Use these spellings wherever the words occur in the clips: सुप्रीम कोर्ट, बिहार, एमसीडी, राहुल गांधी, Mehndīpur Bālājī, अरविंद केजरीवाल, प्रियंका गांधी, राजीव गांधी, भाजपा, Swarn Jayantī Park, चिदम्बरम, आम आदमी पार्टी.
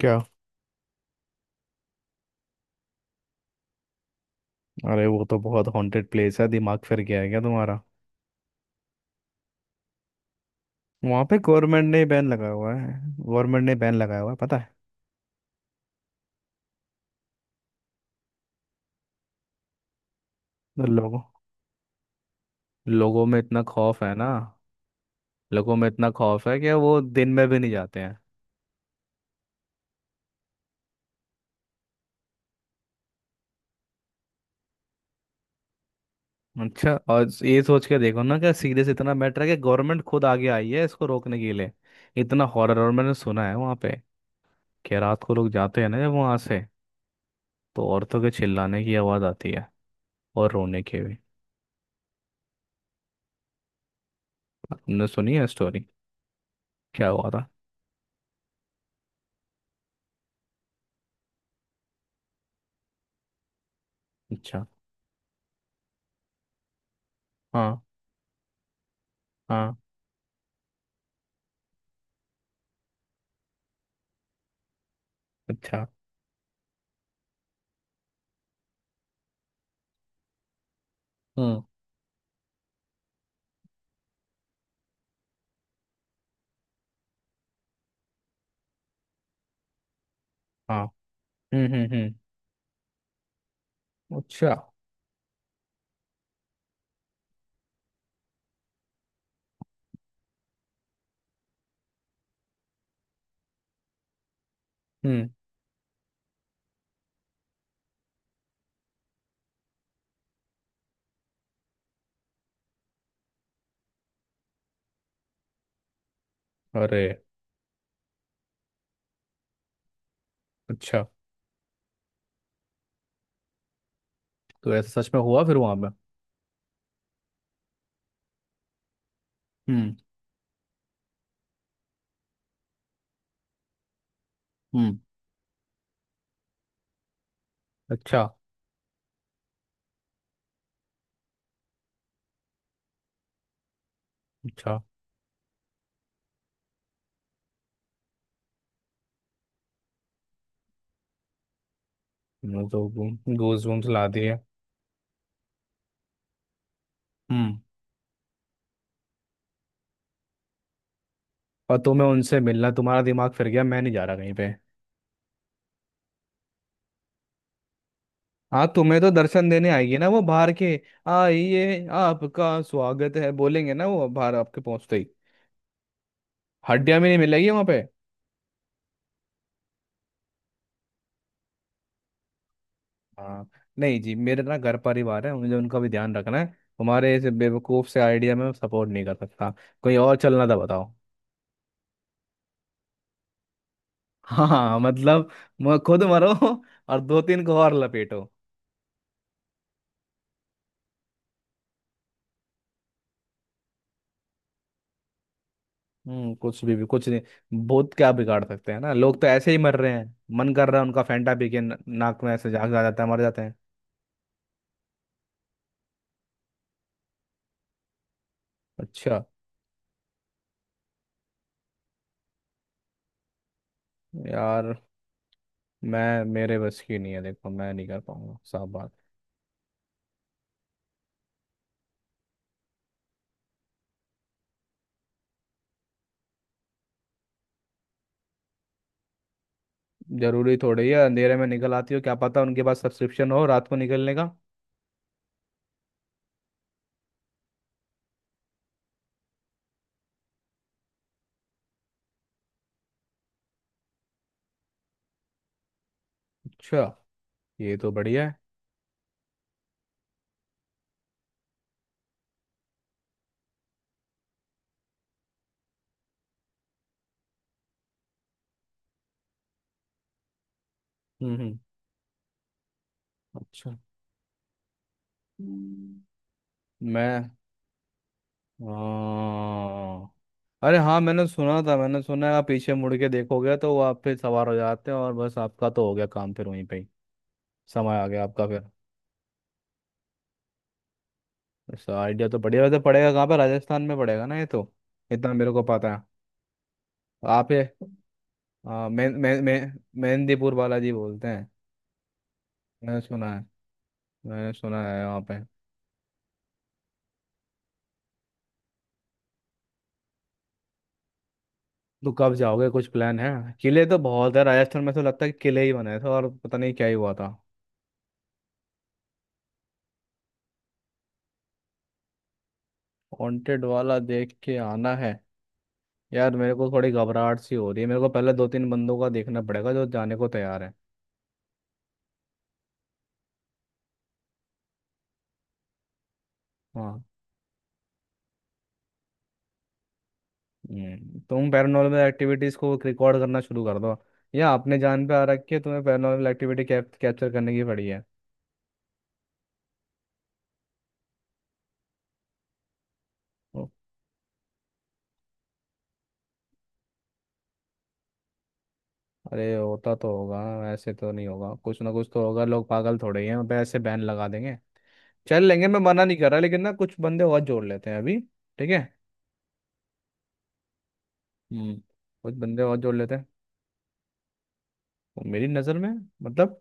क्या? अरे, वो तो बहुत हॉन्टेड प्लेस है। दिमाग फिर गया है क्या तुम्हारा? वहां पे गवर्नमेंट ने बैन लगाया हुआ है। गवर्नमेंट ने बैन लगाया हुआ है, पता है? तो लोगों लोगों में इतना खौफ है ना। लोगों में इतना खौफ है कि वो दिन में भी नहीं जाते हैं। अच्छा, और ये सोच के देखो ना कि सीरियस इतना मैटर है कि गवर्नमेंट खुद आगे आई है इसको रोकने के लिए। इतना हॉरर। और मैंने सुना है वहां पे कि रात को लोग जाते हैं ना, जब वहां से, तो औरतों के चिल्लाने की आवाज आती है। और रोने की भी। तुमने सुनी है स्टोरी? क्या हुआ था? अच्छा। हाँ। हाँ। अच्छा। हम्म। हाँ। हम्म। अच्छा। हम्म। अरे! अच्छा। तो ऐसा सच में हुआ फिर वहां पे? हम्म। हम्म। अच्छा। अच्छा। मैं तो, गूज बम्स ला दिए। हम्म। और तुम्हें उनसे मिलना? तुम्हारा दिमाग फिर गया। मैं नहीं जा रहा कहीं पे। हाँ, तुम्हें तो दर्शन देने आएगी ना वो, बाहर के आइए आपका स्वागत है बोलेंगे ना वो बाहर आपके पहुंचते ही। हड्डियां भी नहीं मिलेगी वहां पे। हाँ, नहीं जी, मेरे ना घर परिवार है, मुझे उनका भी ध्यान रखना है। तुम्हारे इस बेवकूफ से आइडिया में सपोर्ट नहीं कर सकता। कोई और चलना था बताओ। हाँ मतलब, खुद मरो और दो तीन को और लपेटो। हम्म, कुछ भी कुछ नहीं। बहुत क्या बिगाड़ सकते हैं ना, लोग तो ऐसे ही मर रहे हैं। मन कर रहा है उनका, फैंटा पी के नाक में ऐसे झाग जा जाता है, मर जाते हैं। अच्छा। यार मैं, मेरे बस की नहीं है देखो, मैं नहीं कर पाऊंगा साफ बात। जरूरी थोड़ी है अंधेरे में निकल आती हो, क्या पता उनके पास सब्सक्रिप्शन हो रात को निकलने का। अच्छा, ये तो बढ़िया है। हम्म। हम्म। अच्छा। मैं, हाँ। अरे हाँ, मैंने सुना था, मैंने सुना है। आप पीछे मुड़ के देखोगे तो वो आप फिर सवार हो जाते हैं, और बस आपका तो हो गया काम फिर वहीं पे ही। समय आ गया आपका फिर। ऐसा आइडिया तो बढ़िया वैसे, पड़ेगा कहाँ पे? राजस्थान में पड़ेगा ना ये तो? इतना मेरे को पता है। आप ये, हाँ, मे मे मे मेहंदीपुर बालाजी बोलते हैं। मैंने सुना है, मैंने सुना है वहाँ पे। तो कब जाओगे, कुछ प्लान है? किले तो बहुत है राजस्थान में, तो लगता है कि किले ही बनाए थे और पता नहीं क्या ही हुआ था। वांटेड वाला देख के आना है। यार मेरे को थोड़ी घबराहट सी हो रही है, मेरे को पहले दो तीन बंदों का देखना पड़ेगा जो जाने को तैयार है। हाँ। तुम पैरानॉर्मल एक्टिविटीज को रिकॉर्ड करना शुरू कर दो। या अपने जान पे आ रखी है, तुम्हें पैरानॉर्मल एक्टिविटी कैप्चर करने की पड़ी है। ओ, अरे होता तो होगा। ऐसे तो नहीं होगा, कुछ ना कुछ तो होगा। लोग पागल थोड़े ही हैं उन पे ऐसे बैन लगा देंगे। चल लेंगे, मैं मना नहीं कर रहा, लेकिन ना कुछ बंदे और जोड़ लेते हैं अभी। ठीक है। हम्म। कुछ बंदे और जोड़ लेते हैं। और मेरी नज़र में, मतलब,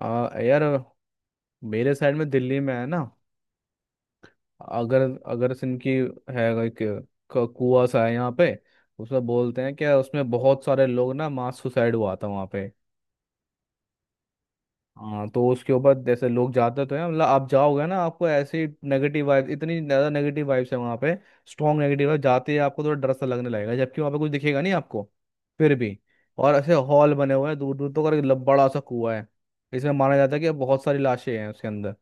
यार मेरे साइड में दिल्ली में है ना। अगर, अगर सिंह की, है एक, कुआं सा है यहाँ पे। उसमें बोलते हैं क्या, उसमें बहुत सारे लोग ना मास सुसाइड हुआ था वहाँ पे। हाँ, तो उसके ऊपर जैसे लोग जाते तो हैं, मतलब आप जाओगे ना आपको ऐसी नेगेटिव वाइब, इतनी ज़्यादा नेगेटिव वाइब्स है वहाँ पे। स्ट्रॉन्ग नेगेटिव वाइब, जाते ही आपको थोड़ा डर सा लगने लगेगा, जबकि वहाँ पे कुछ दिखेगा नहीं आपको। फिर भी। और ऐसे हॉल बने हुए हैं दूर दूर तक, और एक बड़ा सा कुआ है। इसमें माना जाता है कि बहुत सारी लाशें हैं उसके अंदर।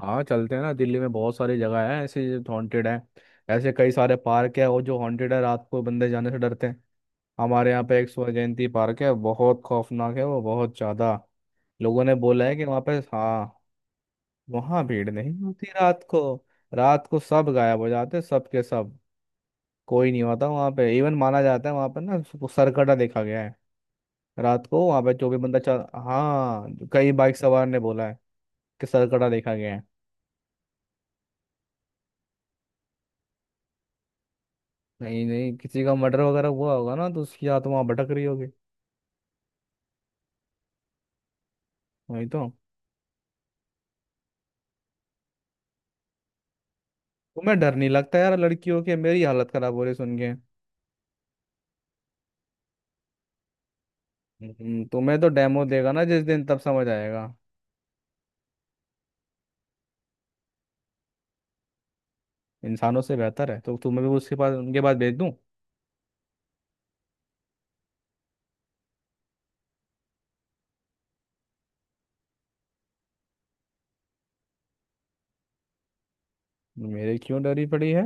हाँ, चलते हैं ना, दिल्ली में बहुत सारी जगह है ऐसे। हॉन्टेड है। ऐसे कई सारे पार्क है और जो हॉन्टेड है, रात को बंदे जाने से डरते हैं। हमारे यहाँ पे एक स्वर्ण जयंती पार्क है, बहुत खौफनाक है वो, बहुत ज़्यादा। लोगों ने बोला है कि वहां पे, हाँ। वहां भीड़ नहीं होती रात को। रात को सब गायब हो जाते, सब के सब। कोई नहीं होता वहां पे। इवन माना जाता है वहां पर ना उसको सरकटा देखा गया है। रात को वहां पे जो भी बंदा चल, हाँ। कई बाइक सवार ने बोला है कि सरकटा देखा गया है। नहीं नहीं, किसी का मर्डर वगैरह हुआ होगा ना, तो उसकी आत्मा वहां भटक रही होगी। वही तो। तुम्हें डर नहीं लगता यार? लड़कियों के, मेरी हालत खराब हो रही सुन के। तुम्हें तो डेमो देगा ना जिस दिन, तब समझ आएगा। इंसानों से बेहतर है तो तुम्हें भी उसके पास, उनके पास भेज दूं? मेरे क्यों डरी पड़ी है?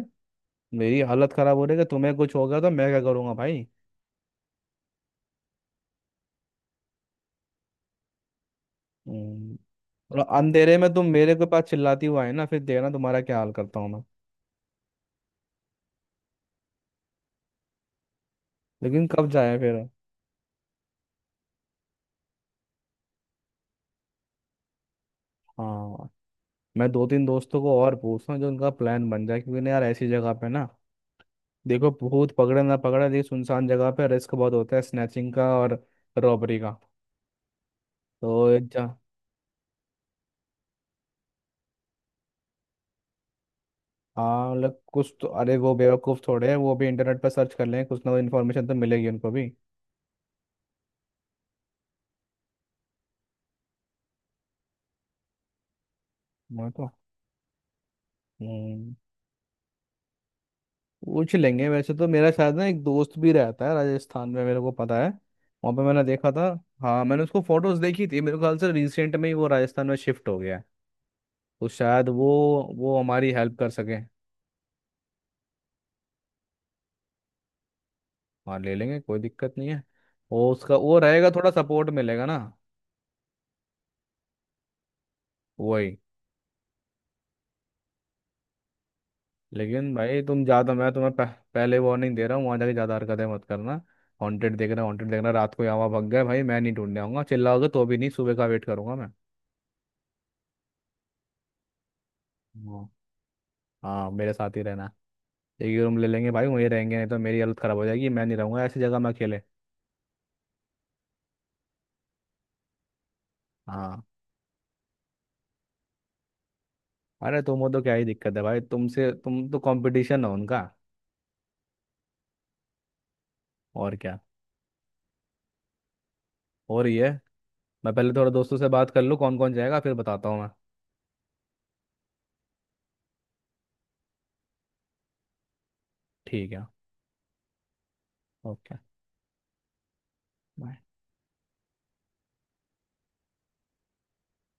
मेरी हालत खराब हो रही है कि तुम्हें कुछ हो गया तो मैं क्या करूंगा भाई। हम्म, और अंधेरे में तुम मेरे के पास चिल्लाती हुआ है ना, फिर देखना तुम्हारा क्या हाल करता हूँ मैं। लेकिन कब जाए फिर? हाँ, मैं दो तीन दोस्तों को और पूछता हूँ, जो उनका प्लान बन जाए, क्योंकि ना यार ऐसी जगह पे ना, देखो भूत पकड़े ना पकड़े, लेकिन सुनसान जगह पे रिस्क बहुत होता है स्नैचिंग का और रॉबरी का। तो एक जा हाँ मतलब कुछ तो, अरे वो बेवकूफ़ थोड़े हैं, वो भी इंटरनेट पर सर्च कर लेंगे, कुछ ना कुछ इन्फॉर्मेशन तो मिलेगी उनको भी। मैं तो, हम्म, पूछ लेंगे। वैसे तो मेरा शायद ना एक दोस्त भी रहता है राजस्थान में, मेरे को पता है। वहाँ पे मैंने देखा था, हाँ, मैंने उसको फोटोज देखी थी, मेरे ख्याल से रिसेंट में ही वो राजस्थान में शिफ्ट हो गया है। तो शायद वो हमारी हेल्प कर सके। हाँ, ले लेंगे, कोई दिक्कत नहीं है। वो उसका वो रहेगा, थोड़ा सपोर्ट मिलेगा ना। वही। लेकिन भाई तुम ज़्यादा, मैं तुम्हें पहले वार्निंग दे रहा हूँ, वहाँ जाके ज़्यादा हरकतें मत करना। हॉन्टेड देख रहा, हॉन्टेड देख रहा, रात को यहाँ वहाँ भग गए, भाई मैं नहीं ढूंढने आऊंगा। चिल्लाओगे तो भी नहीं, सुबह का वेट करूंगा मैं। हाँ। हाँ, मेरे साथ ही रहना। एक रूम ले लेंगे भाई, वहीं रहेंगे, नहीं तो मेरी हालत खराब हो जाएगी। मैं नहीं रहूंगा ऐसी जगह में अकेले। हाँ। अरे तुम हो तो क्या ही दिक्कत है भाई, तुमसे, तुम तो कंपटीशन हो उनका। और क्या। हो रही है। मैं पहले थोड़ा दोस्तों से बात कर लूँ कौन कौन जाएगा, फिर बताता हूँ मैं। ठीक है। ओके।